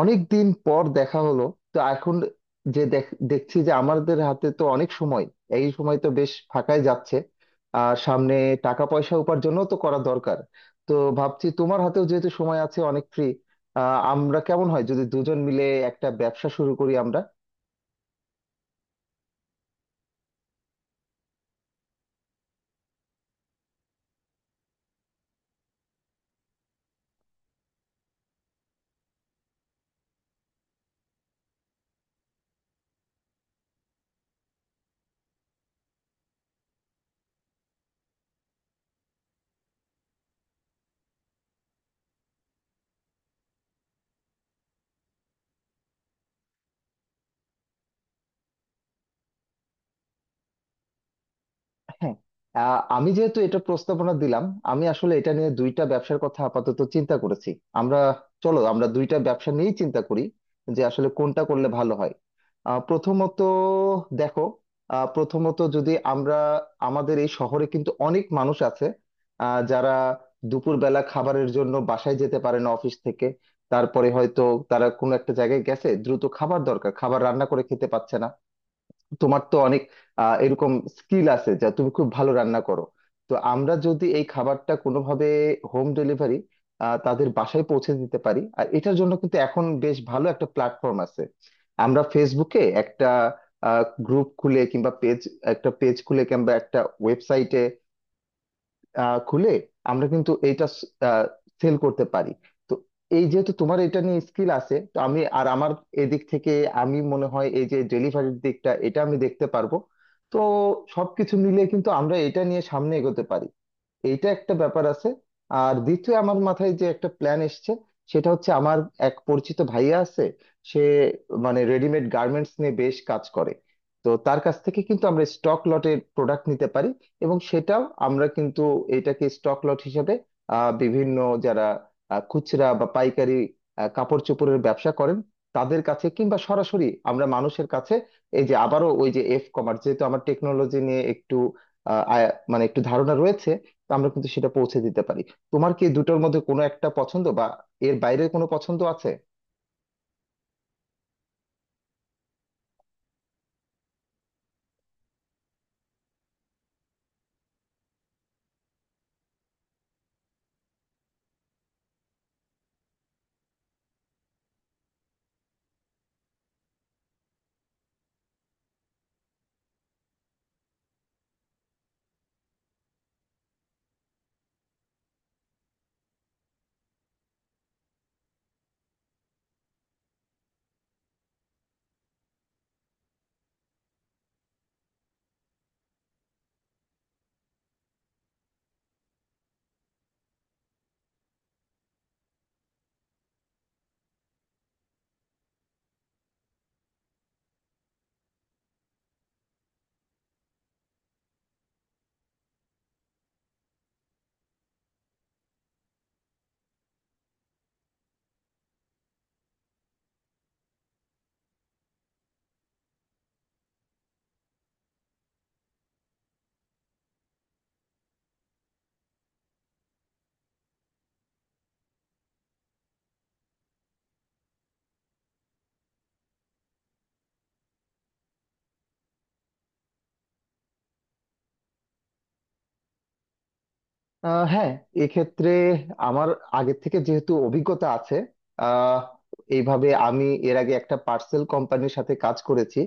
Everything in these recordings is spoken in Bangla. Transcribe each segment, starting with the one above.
অনেক দিন পর দেখা হলো। তো এখন যে দেখছি যে আমাদের হাতে তো অনেক সময়, এই সময় তো বেশ ফাঁকাই যাচ্ছে। আর সামনে টাকা পয়সা উপার্জনও তো করা দরকার। তো ভাবছি তোমার হাতেও যেহেতু সময় আছে অনেক ফ্রি, আমরা কেমন হয় যদি দুজন মিলে একটা ব্যবসা শুরু করি আমরা। হ্যাঁ, আমি যেহেতু এটা প্রস্তাবনা দিলাম, আমি আসলে এটা নিয়ে দুইটা ব্যবসার কথা আপাতত চিন্তা করেছি। আমরা, চলো আমরা দুইটা ব্যবসা নিয়েই চিন্তা করি যে আসলে কোনটা করলে ভালো হয়। প্রথমত দেখো, প্রথমত যদি আমরা, আমাদের এই শহরে কিন্তু অনেক মানুষ আছে, যারা দুপুরবেলা খাবারের জন্য বাসায় যেতে পারে না অফিস থেকে। তারপরে হয়তো তারা কোনো একটা জায়গায় গেছে, দ্রুত খাবার দরকার, খাবার রান্না করে খেতে পাচ্ছে না। তোমার তো অনেক এরকম স্কিল আছে, যা তুমি খুব ভালো রান্না করো। তো আমরা যদি এই খাবারটা কোনোভাবে হোম ডেলিভারি তাদের বাসায় পৌঁছে দিতে পারি, আর এটার জন্য কিন্তু এখন বেশ ভালো একটা প্ল্যাটফর্ম আছে। আমরা ফেসবুকে একটা গ্রুপ খুলে, কিংবা পেজ, একটা পেজ খুলে, কিংবা একটা ওয়েবসাইটে খুলে আমরা কিন্তু এইটা সেল করতে পারি। তো এই যেহেতু তোমার এটা নিয়ে স্কিল আছে, তো আমি আর আমার এদিক থেকে, আমি মনে হয় এই যে ডেলিভারির দিকটা এটা আমি দেখতে পারবো। তো সবকিছু মিলে কিন্তু আমরা এটা নিয়ে সামনে এগোতে পারি, এইটা একটা ব্যাপার আছে। আর দ্বিতীয় আমার মাথায় যে একটা প্ল্যান এসছে, সেটা হচ্ছে আমার এক পরিচিত ভাইয়া আছে, সে মানে রেডিমেড গার্মেন্টস নিয়ে বেশ কাজ করে। তো তার কাছ থেকে কিন্তু আমরা স্টক লটের প্রোডাক্ট নিতে পারি, এবং সেটাও আমরা কিন্তু এটাকে স্টক লট হিসেবে বিভিন্ন যারা খুচরা বা পাইকারি কাপড় চোপড়ের ব্যবসা করেন তাদের কাছে, কিংবা সরাসরি আমরা মানুষের কাছে, এই যে আবারও ওই যে এফ কমার্স, যেহেতু আমার টেকনোলজি নিয়ে একটু মানে একটু ধারণা রয়েছে, তো আমরা কিন্তু সেটা পৌঁছে দিতে পারি। তোমার কি এই দুটোর মধ্যে কোনো একটা পছন্দ, বা এর বাইরে কোনো পছন্দ আছে? হ্যাঁ, এক্ষেত্রে আমার আগে থেকে যেহেতু অভিজ্ঞতা আছে, আহ এইভাবে আমি এর আগে একটা পার্সেল কোম্পানির সাথে কাজ করেছি,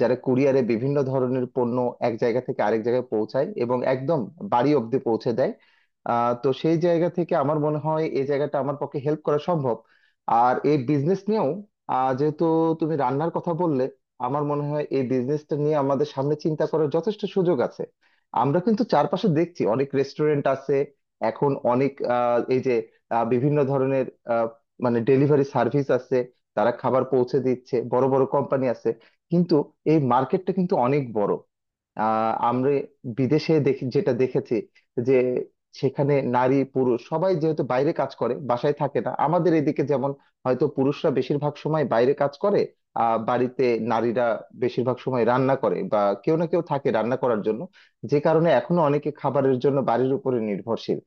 যারা কুরিয়ারে বিভিন্ন ধরনের পণ্য এক জায়গা থেকে আরেক জায়গায় পৌঁছায় এবং একদম বাড়ি অব্দি পৌঁছে দেয়। তো সেই জায়গা থেকে আমার মনে হয় এই জায়গাটা আমার পক্ষে হেল্প করা সম্ভব। আর এই বিজনেস নিয়েও যেহেতু তুমি রান্নার কথা বললে, আমার মনে হয় এই বিজনেসটা নিয়ে আমাদের সামনে চিন্তা করার যথেষ্ট সুযোগ আছে। আমরা কিন্তু চারপাশে দেখছি অনেক রেস্টুরেন্ট আছে, এখন অনেক এই যে বিভিন্ন ধরনের আহ, মানে ডেলিভারি সার্ভিস আছে, তারা খাবার পৌঁছে দিচ্ছে, বড় বড় কোম্পানি আছে। কিন্তু এই মার্কেটটা কিন্তু অনেক বড়। আমরা বিদেশে দেখি, যেটা দেখেছি, যে সেখানে নারী পুরুষ সবাই যেহেতু বাইরে কাজ করে বাসায় থাকে না, আমাদের এদিকে যেমন হয়তো পুরুষরা বেশিরভাগ সময় বাইরে কাজ করে, বাড়িতে নারীরা বেশিরভাগ সময় রান্না করে বা কেউ না কেউ থাকে রান্না করার জন্য। যে কারণে এখনো অনেকে খাবারের জন্য বাড়ির উপরে নির্ভরশীল।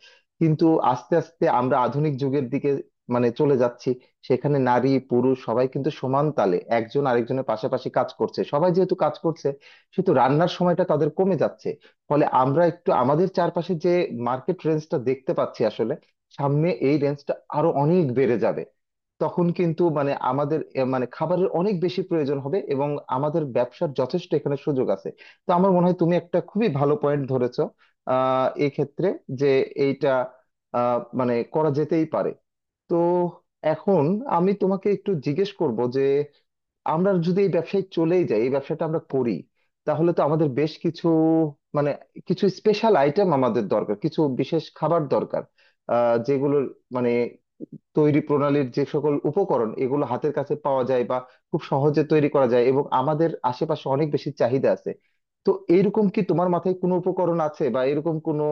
কিন্তু আস্তে আস্তে আমরা আধুনিক যুগের দিকে মানে চলে যাচ্ছি, সেখানে নারী পুরুষ সবাই কিন্তু সমান তালে একজন আরেকজনের পাশাপাশি কাজ করছে, সবাই যেহেতু কাজ করছে কিন্তু রান্নার সময়টা তাদের কমে যাচ্ছে। ফলে আমরা একটু আমাদের চারপাশে যে মার্কেট রেঞ্জটা দেখতে পাচ্ছি, আসলে সামনে এই রেঞ্জটা আরো অনেক বেড়ে যাবে। তখন কিন্তু মানে আমাদের মানে খাবারের অনেক বেশি প্রয়োজন হবে এবং আমাদের ব্যবসার যথেষ্ট এখানে সুযোগ আছে। তো আমার মনে হয় তুমি একটা খুবই ভালো পয়েন্ট ধরেছো, এই ক্ষেত্রে যে এইটা মানে করা যেতেই পারে। তো এখন আমি তোমাকে একটু জিজ্ঞেস করব যে আমরা যদি এই ব্যবসায় চলেই যাই, এই ব্যবসাটা আমরা করি, তাহলে তো আমাদের বেশ কিছু, মানে কিছু স্পেশাল আইটেম আমাদের দরকার, কিছু বিশেষ খাবার দরকার যেগুলোর মানে তৈরি প্রণালীর যে সকল উপকরণ এগুলো হাতের কাছে পাওয়া যায় বা খুব সহজে তৈরি করা যায় এবং আমাদের আশেপাশে অনেক বেশি চাহিদা আছে। তো এইরকম কি তোমার মাথায় কোনো উপকরণ আছে বা এরকম কোনো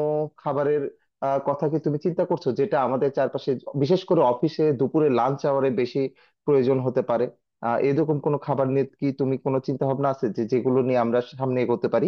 খাবারের কথা কি তুমি চিন্তা করছো, যেটা আমাদের চারপাশে বিশেষ করে অফিসে দুপুরে লাঞ্চ আওয়ারে বেশি প্রয়োজন হতে পারে? এরকম কোনো খাবার নিয়ে কি তুমি কোনো চিন্তা ভাবনা আছে যে যেগুলো নিয়ে আমরা সামনে এগোতে পারি?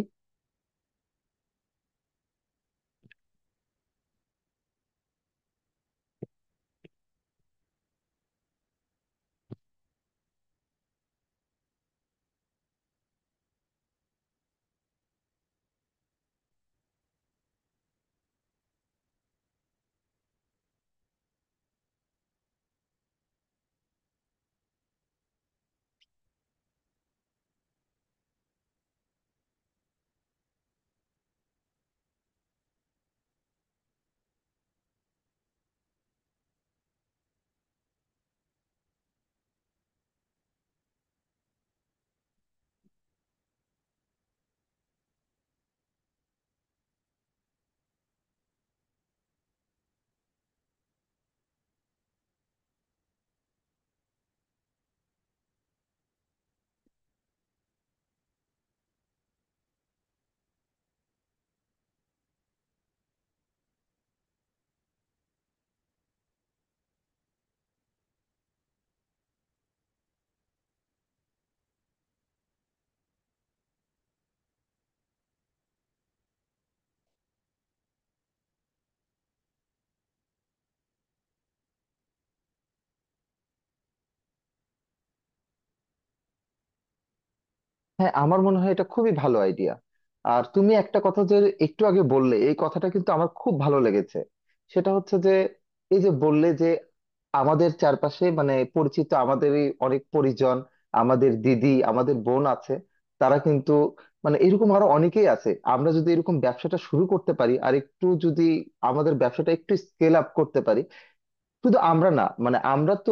হ্যাঁ, আমার মনে হয় এটা খুবই ভালো আইডিয়া। আর তুমি একটা কথা যে একটু আগে বললে, এই কথাটা কিন্তু আমার খুব ভালো লেগেছে। সেটা হচ্ছে যে এই যে বললে যে আমাদের চারপাশে মানে পরিচিত আমাদেরই অনেক পরিজন, আমাদের দিদি আমাদের বোন আছে, তারা কিন্তু মানে এরকম আরো অনেকেই আছে। আমরা যদি এরকম ব্যবসাটা শুরু করতে পারি আর একটু যদি আমাদের ব্যবসাটা একটু স্কেল আপ করতে পারি, শুধু আমরা না, মানে আমরা তো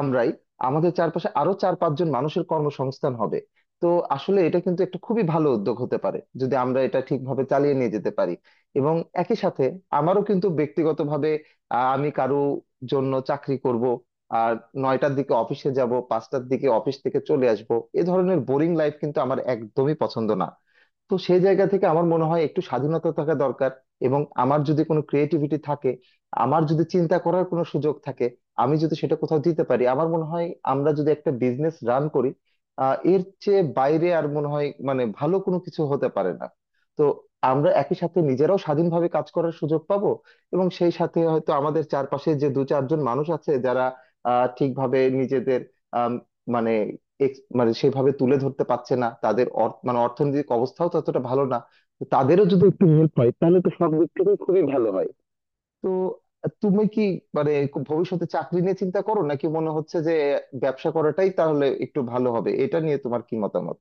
আমরাই, আমাদের চারপাশে আরো 4-5 জন মানুষের কর্মসংস্থান হবে। তো আসলে এটা কিন্তু একটা খুবই ভালো উদ্যোগ হতে পারে যদি আমরা এটা ঠিকভাবে চালিয়ে নিয়ে যেতে পারি। এবং একই সাথে আমারও কিন্তু ব্যক্তিগতভাবে, আমি কারো জন্য চাকরি করব, আর 9টার দিকে অফিসে যাব, 5টার দিকে অফিস থেকে চলে আসব, এ ধরনের বোরিং লাইফ কিন্তু আমার একদমই পছন্দ না। তো সেই জায়গা থেকে আমার মনে হয় একটু স্বাধীনতা থাকা দরকার, এবং আমার যদি কোনো ক্রিয়েটিভিটি থাকে, আমার যদি চিন্তা করার কোনো সুযোগ থাকে, আমি যদি সেটা কোথাও দিতে পারি, আমার মনে হয় আমরা যদি একটা বিজনেস রান করি, এর চেয়ে বাইরে আর মনে হয় মানে ভালো কোনো কিছু হতে পারে না। তো আমরা একই সাথে নিজেরাও স্বাধীনভাবে কাজ করার সুযোগ পাবো, এবং সেই সাথে হয়তো আমাদের চারপাশে যে 2-4 জন মানুষ আছে, যারা ঠিকভাবে নিজেদের আম, মানে মানে সেভাবে তুলে ধরতে পারছে না, তাদের মানে অর্থনৈতিক অবস্থাও ততটা ভালো না, তো তাদেরও যদি একটু হেল্প হয় তাহলে তো সব দিক থেকে খুবই ভালো হয়। তো তুমি কি মানে ভবিষ্যতে চাকরি নিয়ে চিন্তা করো, নাকি মনে হচ্ছে যে ব্যবসা করাটাই তাহলে একটু ভালো হবে? এটা নিয়ে তোমার কি মতামত?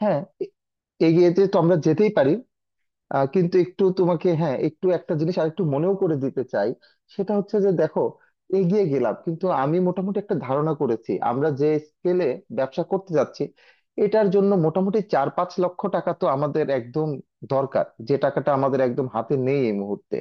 হ্যাঁ এগিয়ে যেতে তো আমরা যেতেই পারি, কিন্তু একটু তোমাকে, হ্যাঁ, একটু একটা জিনিস আরেকটু মনেও করে দিতে চাই। সেটা হচ্ছে যে দেখো, এগিয়ে গেলাম, কিন্তু আমি মোটামুটি একটা ধারণা করেছি আমরা যে স্কেলে ব্যবসা করতে যাচ্ছি, এটার জন্য মোটামুটি 4-5 লক্ষ টাকা তো আমাদের একদম দরকার, যে টাকাটা আমাদের একদম হাতে নেই এই মুহূর্তে।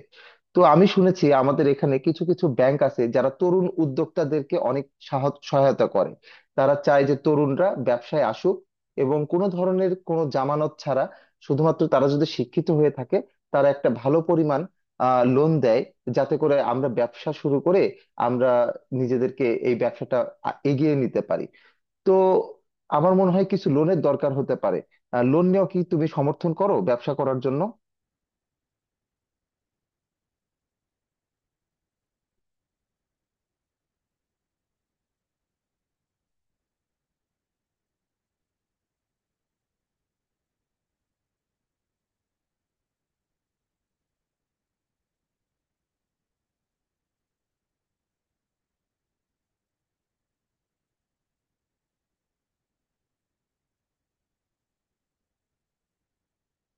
তো আমি শুনেছি আমাদের এখানে কিছু কিছু ব্যাংক আছে যারা তরুণ উদ্যোক্তাদেরকে অনেক সহায়তা করে, তারা চায় যে তরুণরা ব্যবসায় আসুক, এবং কোনো ধরনের কোনো জামানত ছাড়া শুধুমাত্র তারা যদি শিক্ষিত হয়ে থাকে, তারা একটা ভালো পরিমাণ লোন দেয়, যাতে করে আমরা ব্যবসা শুরু করে আমরা নিজেদেরকে এই ব্যবসাটা এগিয়ে নিতে পারি। তো আমার মনে হয় কিছু লোনের দরকার হতে পারে। লোন নেওয়া কি তুমি সমর্থন করো ব্যবসা করার জন্য?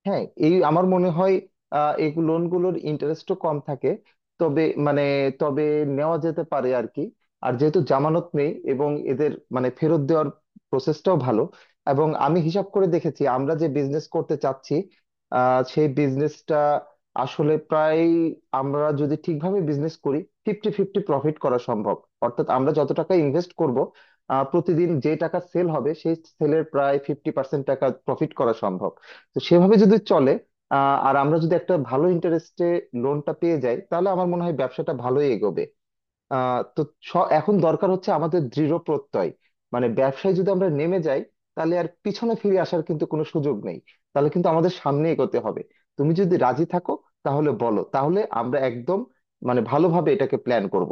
হ্যাঁ, এই আমার মনে হয় এই লোনগুলোর ইন্টারেস্টও কম থাকে। তবে মানে, তবে নেওয়া যেতে পারে আর কি। আর যেহেতু জামানত নেই এবং এদের মানে ফেরত দেওয়ার প্রসেসটাও ভালো, এবং আমি হিসাব করে দেখেছি আমরা যে বিজনেস করতে চাচ্ছি সেই বিজনেসটা আসলে প্রায়, আমরা যদি ঠিকভাবে বিজনেস করি, ফিফটি ফিফটি প্রফিট করা সম্ভব। অর্থাৎ আমরা যত টাকা ইনভেস্ট করব, প্রতিদিন যে টাকা সেল হবে সেই সেলের প্রায় 50% টাকা প্রফিট করা সম্ভব। তো সেভাবে যদি চলে, আর আমরা যদি একটা ভালো ইন্টারেস্টে লোনটা পেয়ে যাই, তাহলে আমার মনে হয় ব্যবসাটা ভালোই এগোবে। তো এখন দরকার হচ্ছে আমাদের দৃঢ় প্রত্যয়, মানে ব্যবসায় যদি আমরা নেমে যাই, তাহলে আর পিছনে ফিরে আসার কিন্তু কোনো সুযোগ নেই, তাহলে কিন্তু আমাদের সামনে এগোতে হবে। তুমি যদি রাজি থাকো তাহলে বলো, তাহলে আমরা একদম মানে ভালোভাবে এটাকে প্ল্যান করব।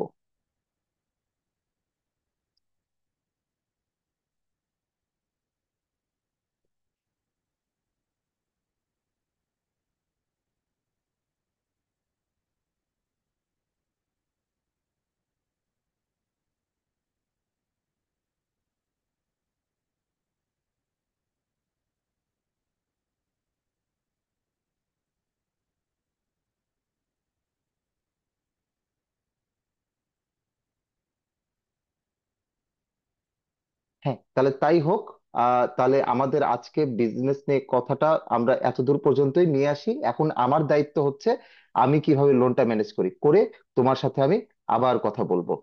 হ্যাঁ তাহলে তাই হোক। তাহলে আমাদের আজকে বিজনেস নিয়ে কথাটা আমরা এতদূর পর্যন্তই নিয়ে আসি। এখন আমার দায়িত্ব হচ্ছে আমি কিভাবে লোনটা ম্যানেজ করি, করে তোমার সাথে আমি আবার কথা বলবো।